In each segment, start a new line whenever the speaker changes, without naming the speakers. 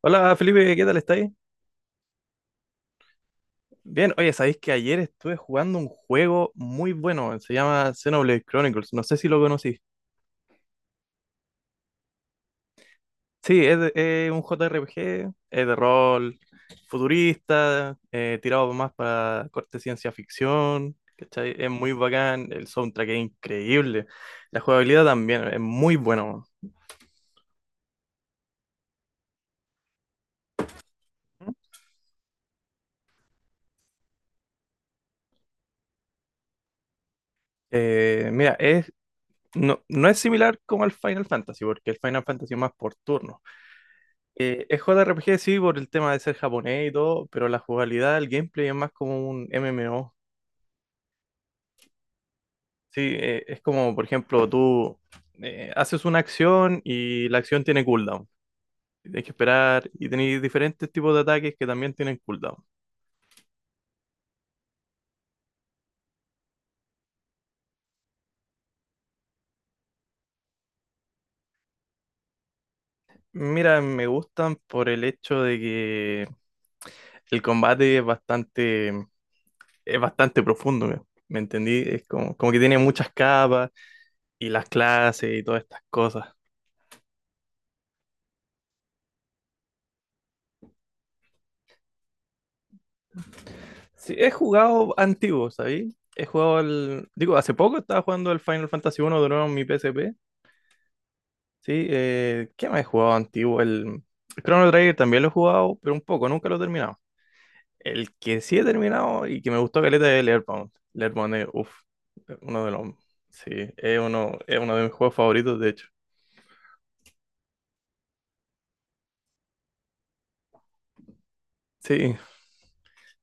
Hola Felipe, ¿qué tal estáis? Bien, oye, sabéis que ayer estuve jugando un juego muy bueno, se llama Xenoblade Chronicles, no sé si lo conocí. Sí, es un JRPG, es de rol futurista, tirado más para corte ciencia ficción, ¿cachai? Es muy bacán, el soundtrack es increíble, la jugabilidad también es muy bueno. Mira, no, no es similar como al Final Fantasy, porque el Final Fantasy es más por turno. Es JRPG, sí, por el tema de ser japonés y todo, pero la jugabilidad, el gameplay es más como un MMO. Sí, es como, por ejemplo, tú haces una acción y la acción tiene cooldown. Y tienes que esperar y tenéis diferentes tipos de ataques que también tienen cooldown. Mira, me gustan por el hecho de que el combate es bastante profundo, ¿me entendí? Es como que tiene muchas capas y las clases y todas estas cosas. Sí, he jugado antiguo, ¿sabes? He jugado el... Digo, hace poco estaba jugando el Final Fantasy uno de nuevo en mi PSP. Sí, ¿qué más he jugado antiguo? El Chrono Trigger también lo he jugado, pero un poco, nunca lo he terminado. El que sí he terminado y que me gustó caleta es el Earthbound. El Earthbound es, uff, uno de los... Sí, es uno de mis juegos favoritos, de hecho. Sí,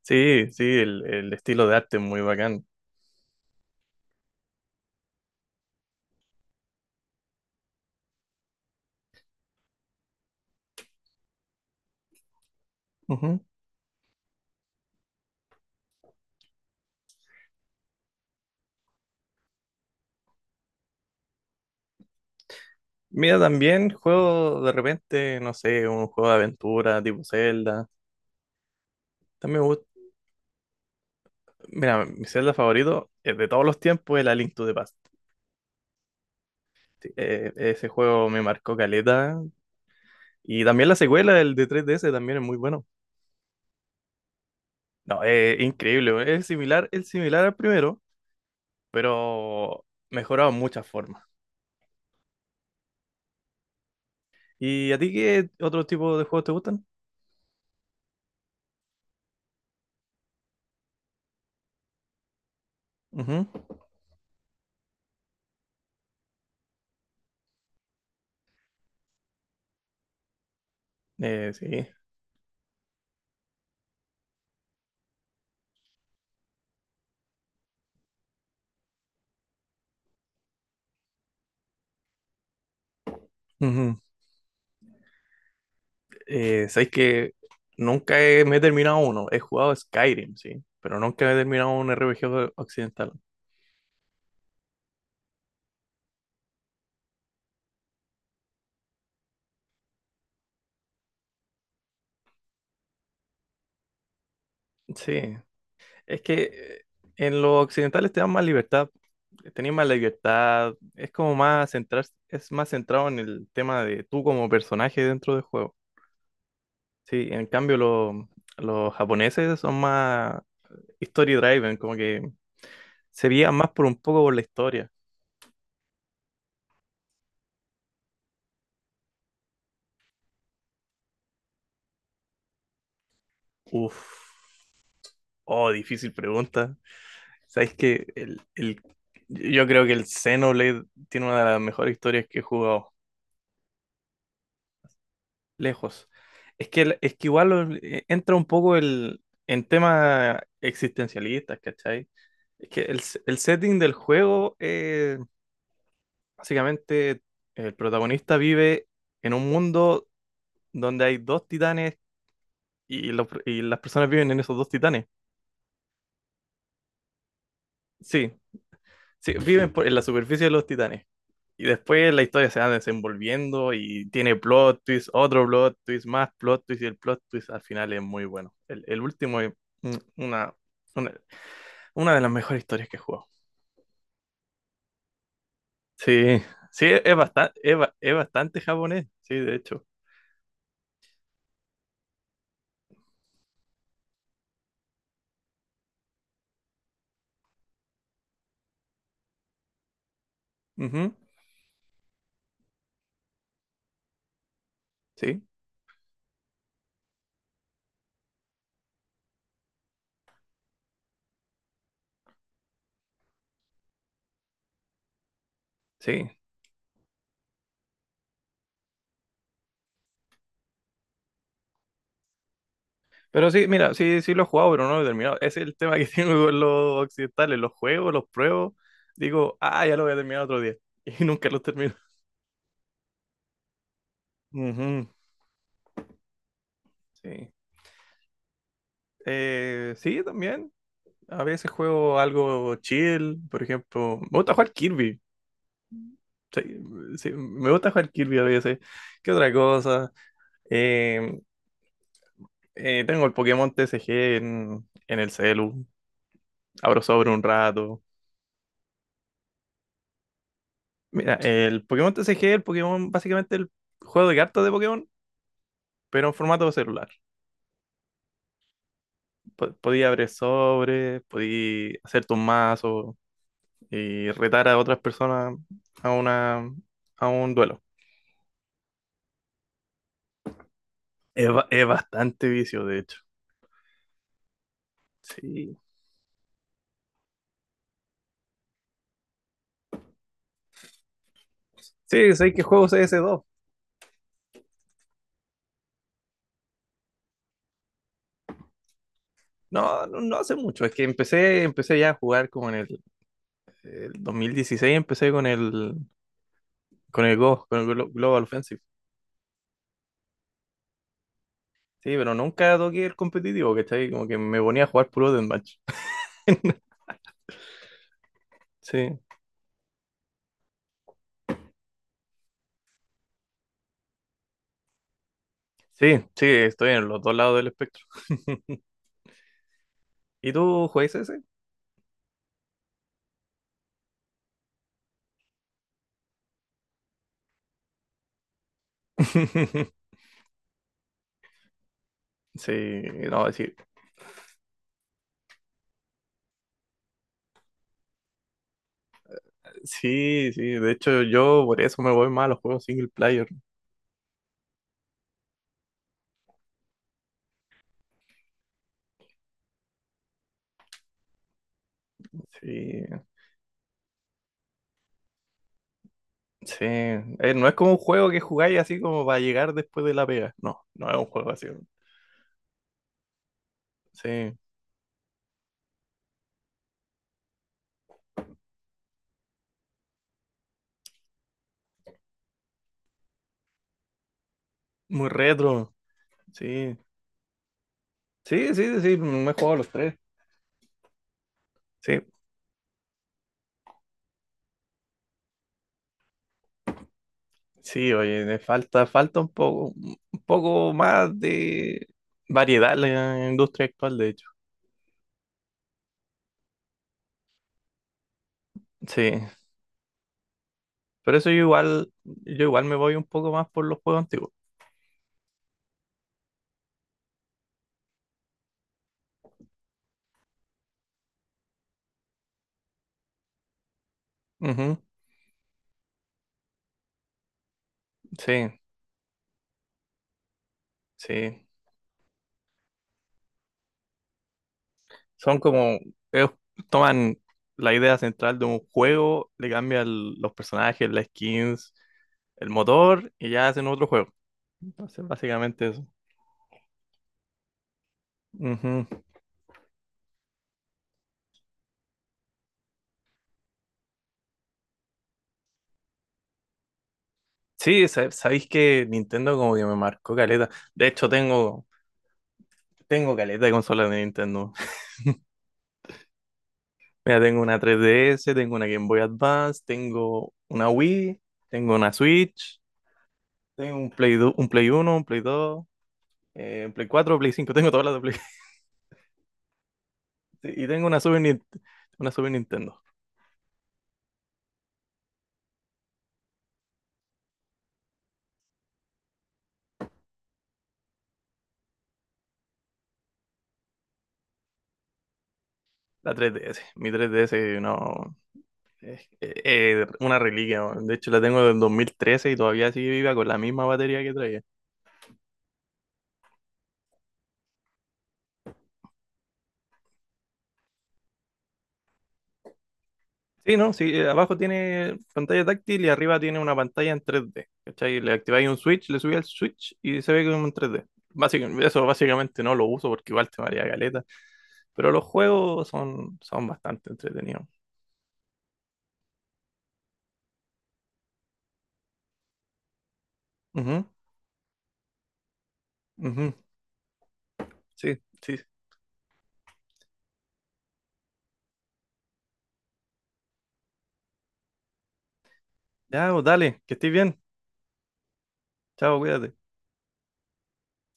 sí, sí, el estilo de arte es muy bacán. Ujú. Mira, también juego de repente, no sé, un juego de aventura tipo Zelda. También me gusta. Mira, mi Zelda favorito, de todos los tiempos es la Link to the Past. Sí, ese juego me marcó caleta. Y también la secuela, el de 3DS, también es muy bueno. No, es increíble. Es similar al primero, pero mejorado en muchas formas. ¿Y a ti qué otro tipo de juegos te gustan? Ujú. Sí. Ujú. Sabéis que nunca he- me he terminado uno. He jugado Skyrim, sí, pero nunca he terminado un RPG occidental. Sí, es que en los occidentales te dan más libertad, tenías más libertad, es más centrado en el tema de tú como personaje dentro del juego. Sí, en cambio los japoneses son más story driven, como que se guían más por un poco por la historia. Uf, oh, difícil pregunta. ¿Sabes que yo creo que el Xenoblade tiene una de las mejores historias que he jugado, lejos? Es que, es que igual entra un poco en temas existencialistas, ¿cachai? Es que el setting del juego, básicamente, el protagonista vive en un mundo donde hay dos titanes y las personas viven en esos dos titanes. Sí, sí, viven en la superficie de los titanes. Y después la historia se va desenvolviendo y tiene plot twist, otro plot twist, más plot twist y el plot twist al final es muy bueno. El último es, mm, una, una, una de las mejores historias que he jugado. Sí, sí, es bastante japonés, sí, de hecho. Ujú, sí, sí. Pero sí, mira, sí, sí lo he jugado, pero no lo he terminado. Ese es el tema que tengo con los occidentales, los juegos, los pruebo, digo, ah, ya lo voy a terminar otro día. Y nunca los termino. Ujú, sí. Sí, también. A veces juego algo chill, por ejemplo. Me gusta jugar Kirby. Sí, sí, me gusta jugar Kirby a veces. ¿Qué otra cosa? Eh, Tengo el Pokémon TCG en el celu. Abro sobre un rato. Mira, el Pokémon TCG, el Pokémon, básicamente el juego de cartas de Pokémon, pero en formato celular. Podía abrir sobre, podía hacer tu mazo y retar a otras personas a una, a un duelo. Es bastante vicio, de hecho. Sí. Sí, sé que juego CS2. No, no, no hace mucho. Es que empecé ya a jugar como en el 2016, empecé con el Go, con el Glo- Global Offensive. Sí, pero nunca toqué el competitivo, ¿cachai? Como que me ponía a jugar puro deathmatch. Sí, sí, sí, estoy en los dos lados del espectro. ¿Y tú juegas ese? Sí, no, sí, sí, sí, de hecho yo por eso me voy más a los juegos single player. Sí, Sí, no es como un juego que jugáis así como para llegar después de la pega. No, no es un juego así. Sí, muy retro. Sí, sí, sí, sí, me he jugado los tres. Sí, sí, oye, falta un poco, más de variedad en la industria actual, de hecho. Sí, por eso yo igual me voy un poco más por los juegos antiguos. Ujú, sí, sí. Son como, ellos toman la idea central de un juego, le cambian los personajes, las skins, el motor y ya hacen otro juego. Entonces, básicamente eso. Ujú. Sí, sabéis que Nintendo como que me marcó caleta. De hecho, tengo caleta de consolas de Nintendo. Mira, tengo una 3DS, tengo una Game Boy Advance, tengo una Wii, tengo una Switch, tengo un Play uno, un Play dos, un Play cuatro, Play cinco, tengo todas las de... Sí, y tengo una Super Nintendo, la 3DS. Mi 3DS, no, es una reliquia, ¿no? De hecho, la tengo del 2013 y todavía sigue viva con la misma batería que traía. Sí, no, sí, abajo tiene pantalla táctil y arriba tiene una pantalla en 3D. ¿Cachai? Le activáis un switch, le subí al switch y se ve como en 3D. Básicamente, eso básicamente no lo uso porque igual te maría caleta. Pero los juegos son bastante entretenidos. Ujú, ujú, sí, sí. Ya, pues, dale, que estés bien. Chao, cuídate.